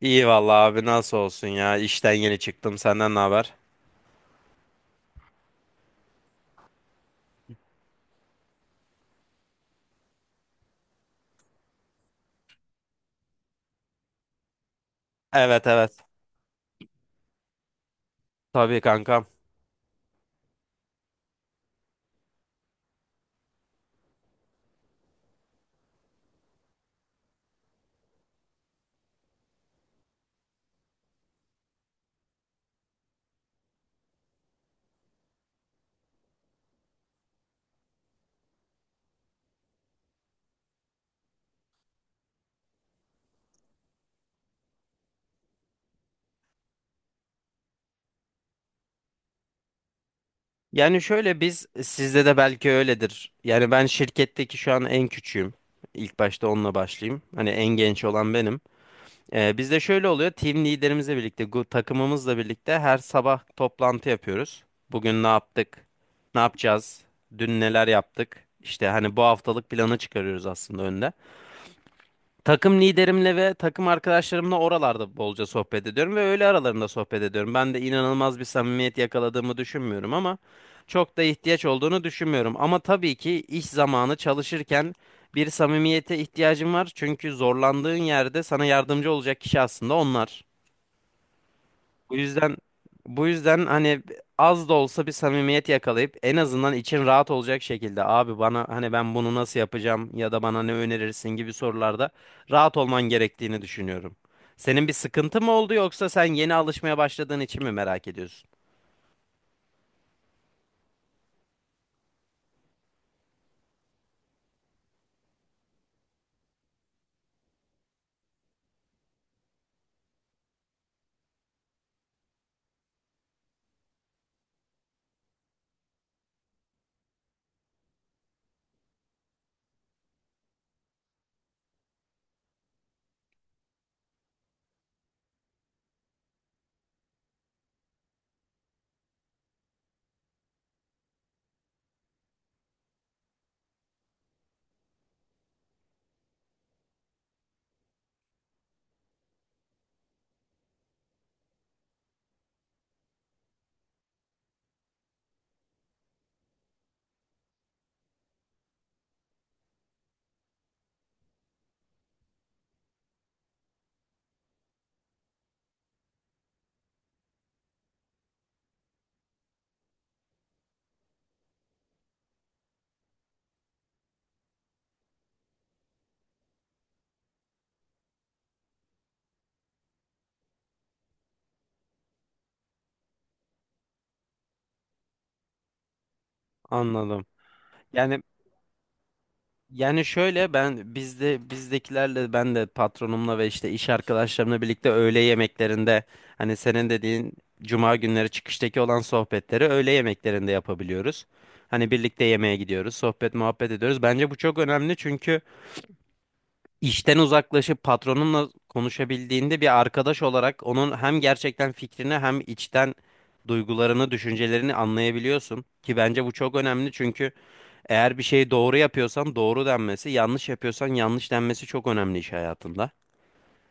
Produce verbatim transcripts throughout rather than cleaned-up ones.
İyi vallahi abi nasıl olsun ya işten yeni çıktım senden ne haber? Evet evet, tabii kankam. Yani şöyle biz sizde de belki öyledir. Yani ben şirketteki şu an en küçüğüm. İlk başta onunla başlayayım. Hani en genç olan benim. Ee, bizde şöyle oluyor team liderimizle birlikte gu- takımımızla birlikte her sabah toplantı yapıyoruz. Bugün ne yaptık? Ne yapacağız? Dün neler yaptık? İşte hani bu haftalık planı çıkarıyoruz aslında önden. Takım liderimle ve takım arkadaşlarımla oralarda bolca sohbet ediyorum ve öğle aralarında sohbet ediyorum. Ben de inanılmaz bir samimiyet yakaladığımı düşünmüyorum ama çok da ihtiyaç olduğunu düşünmüyorum. Ama tabii ki iş zamanı çalışırken bir samimiyete ihtiyacın var. Çünkü zorlandığın yerde sana yardımcı olacak kişi aslında onlar. Bu yüzden bu yüzden hani az da olsa bir samimiyet yakalayıp en azından için rahat olacak şekilde abi bana hani ben bunu nasıl yapacağım ya da bana ne önerirsin gibi sorularda rahat olman gerektiğini düşünüyorum. Senin bir sıkıntı mı oldu yoksa sen yeni alışmaya başladığın için mi merak ediyorsun? Anladım. Yani Yani şöyle ben bizde bizdekilerle ben de patronumla ve işte iş arkadaşlarımla birlikte öğle yemeklerinde hani senin dediğin cuma günleri çıkıştaki olan sohbetleri öğle yemeklerinde yapabiliyoruz. Hani birlikte yemeğe gidiyoruz, sohbet muhabbet ediyoruz. Bence bu çok önemli çünkü işten uzaklaşıp patronunla konuşabildiğinde bir arkadaş olarak onun hem gerçekten fikrini hem içten duygularını, düşüncelerini anlayabiliyorsun ki bence bu çok önemli çünkü eğer bir şeyi doğru yapıyorsan doğru denmesi, yanlış yapıyorsan yanlış denmesi çok önemli iş hayatında.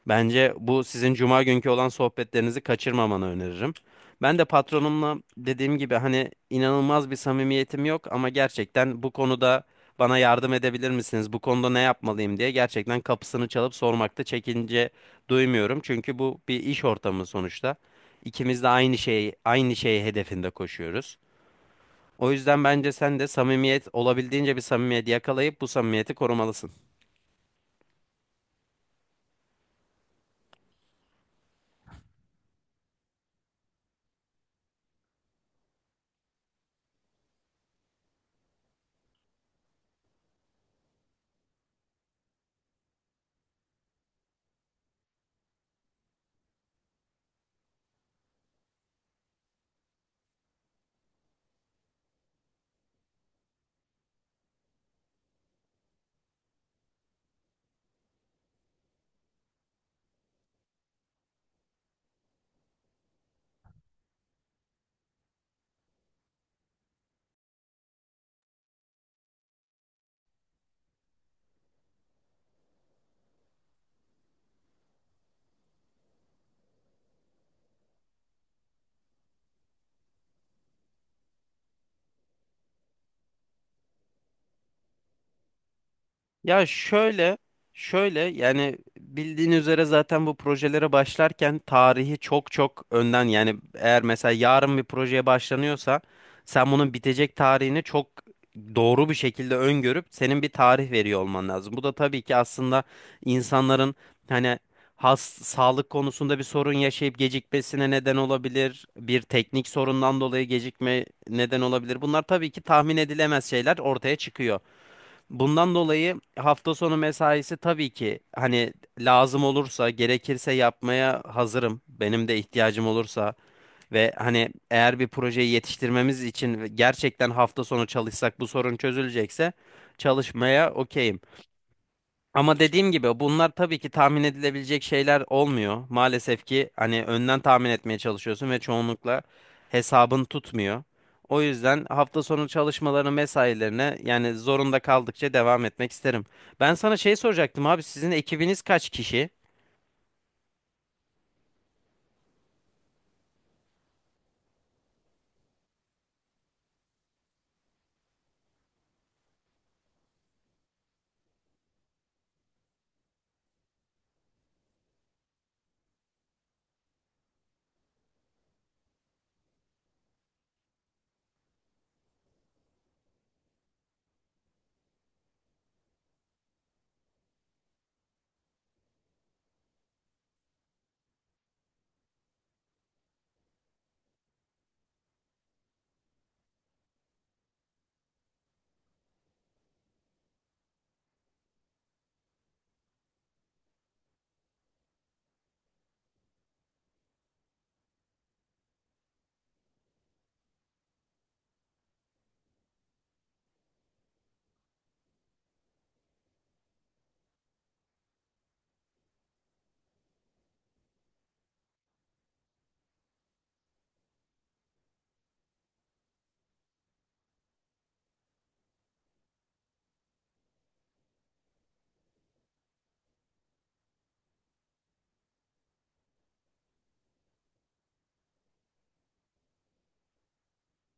Bence bu sizin cuma günkü olan sohbetlerinizi kaçırmamanı öneririm. Ben de patronumla dediğim gibi hani inanılmaz bir samimiyetim yok ama gerçekten bu konuda bana yardım edebilir misiniz? Bu konuda ne yapmalıyım diye gerçekten kapısını çalıp sormakta çekince duymuyorum. Çünkü bu bir iş ortamı sonuçta. İkimiz de aynı şeyi, aynı şeyi hedefinde koşuyoruz. O yüzden bence sen de samimiyet olabildiğince bir samimiyet yakalayıp bu samimiyeti korumalısın. Ya şöyle, şöyle yani bildiğin üzere zaten bu projelere başlarken tarihi çok çok önden yani eğer mesela yarın bir projeye başlanıyorsa sen bunun bitecek tarihini çok doğru bir şekilde öngörüp senin bir tarih veriyor olman lazım. Bu da tabii ki aslında insanların hani has sağlık konusunda bir sorun yaşayıp gecikmesine neden olabilir. Bir teknik sorundan dolayı gecikme neden olabilir. Bunlar tabii ki tahmin edilemez şeyler ortaya çıkıyor. Bundan dolayı hafta sonu mesaisi tabii ki hani lazım olursa, gerekirse yapmaya hazırım. Benim de ihtiyacım olursa ve hani eğer bir projeyi yetiştirmemiz için gerçekten hafta sonu çalışsak bu sorun çözülecekse çalışmaya okeyim. Ama dediğim gibi bunlar tabii ki tahmin edilebilecek şeyler olmuyor. Maalesef ki hani önden tahmin etmeye çalışıyorsun ve çoğunlukla hesabın tutmuyor. O yüzden hafta sonu çalışmalarını, mesailerine yani zorunda kaldıkça devam etmek isterim. Ben sana şey soracaktım abi, sizin ekibiniz kaç kişi?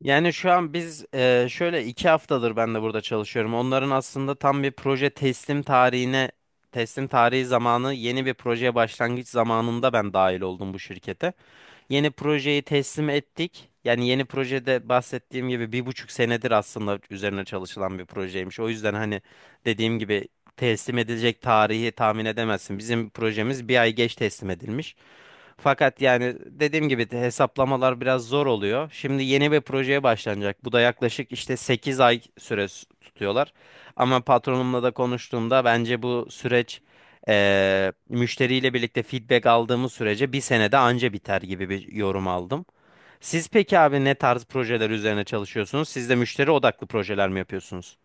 Yani şu an biz e, şöyle iki haftadır ben de burada çalışıyorum. Onların aslında tam bir proje teslim tarihine teslim tarihi zamanı yeni bir projeye başlangıç zamanında ben dahil oldum bu şirkete. Yeni projeyi teslim ettik. Yani yeni projede bahsettiğim gibi bir buçuk senedir aslında üzerine çalışılan bir projeymiş. O yüzden hani dediğim gibi teslim edilecek tarihi tahmin edemezsin. Bizim projemiz bir ay geç teslim edilmiş. Fakat yani dediğim gibi de hesaplamalar biraz zor oluyor. Şimdi yeni bir projeye başlanacak. Bu da yaklaşık işte sekiz ay süre s- tutuyorlar. Ama patronumla da konuştuğumda bence bu süreç eee, müşteriyle birlikte feedback aldığımız sürece bir senede anca biter gibi bir yorum aldım. Siz peki abi ne tarz projeler üzerine çalışıyorsunuz? Siz de müşteri odaklı projeler mi yapıyorsunuz?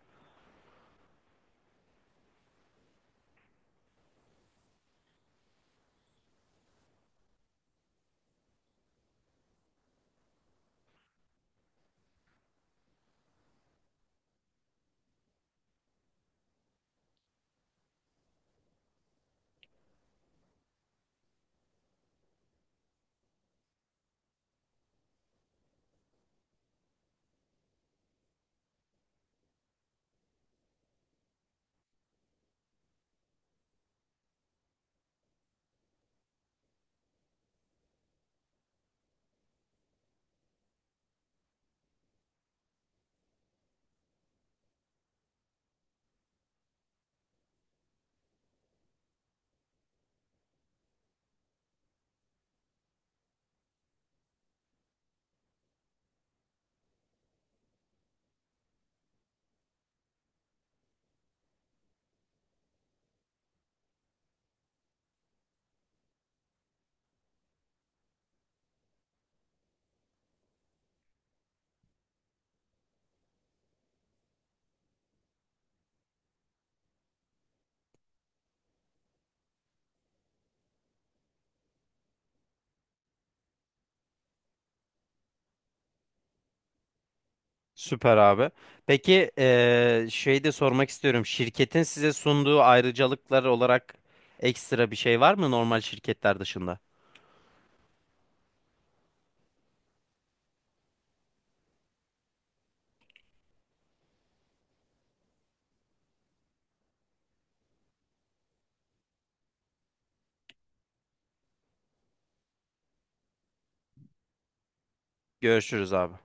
Süper abi. Peki eee şey de sormak istiyorum. Şirketin size sunduğu ayrıcalıklar olarak ekstra bir şey var mı normal şirketler dışında? Görüşürüz abi.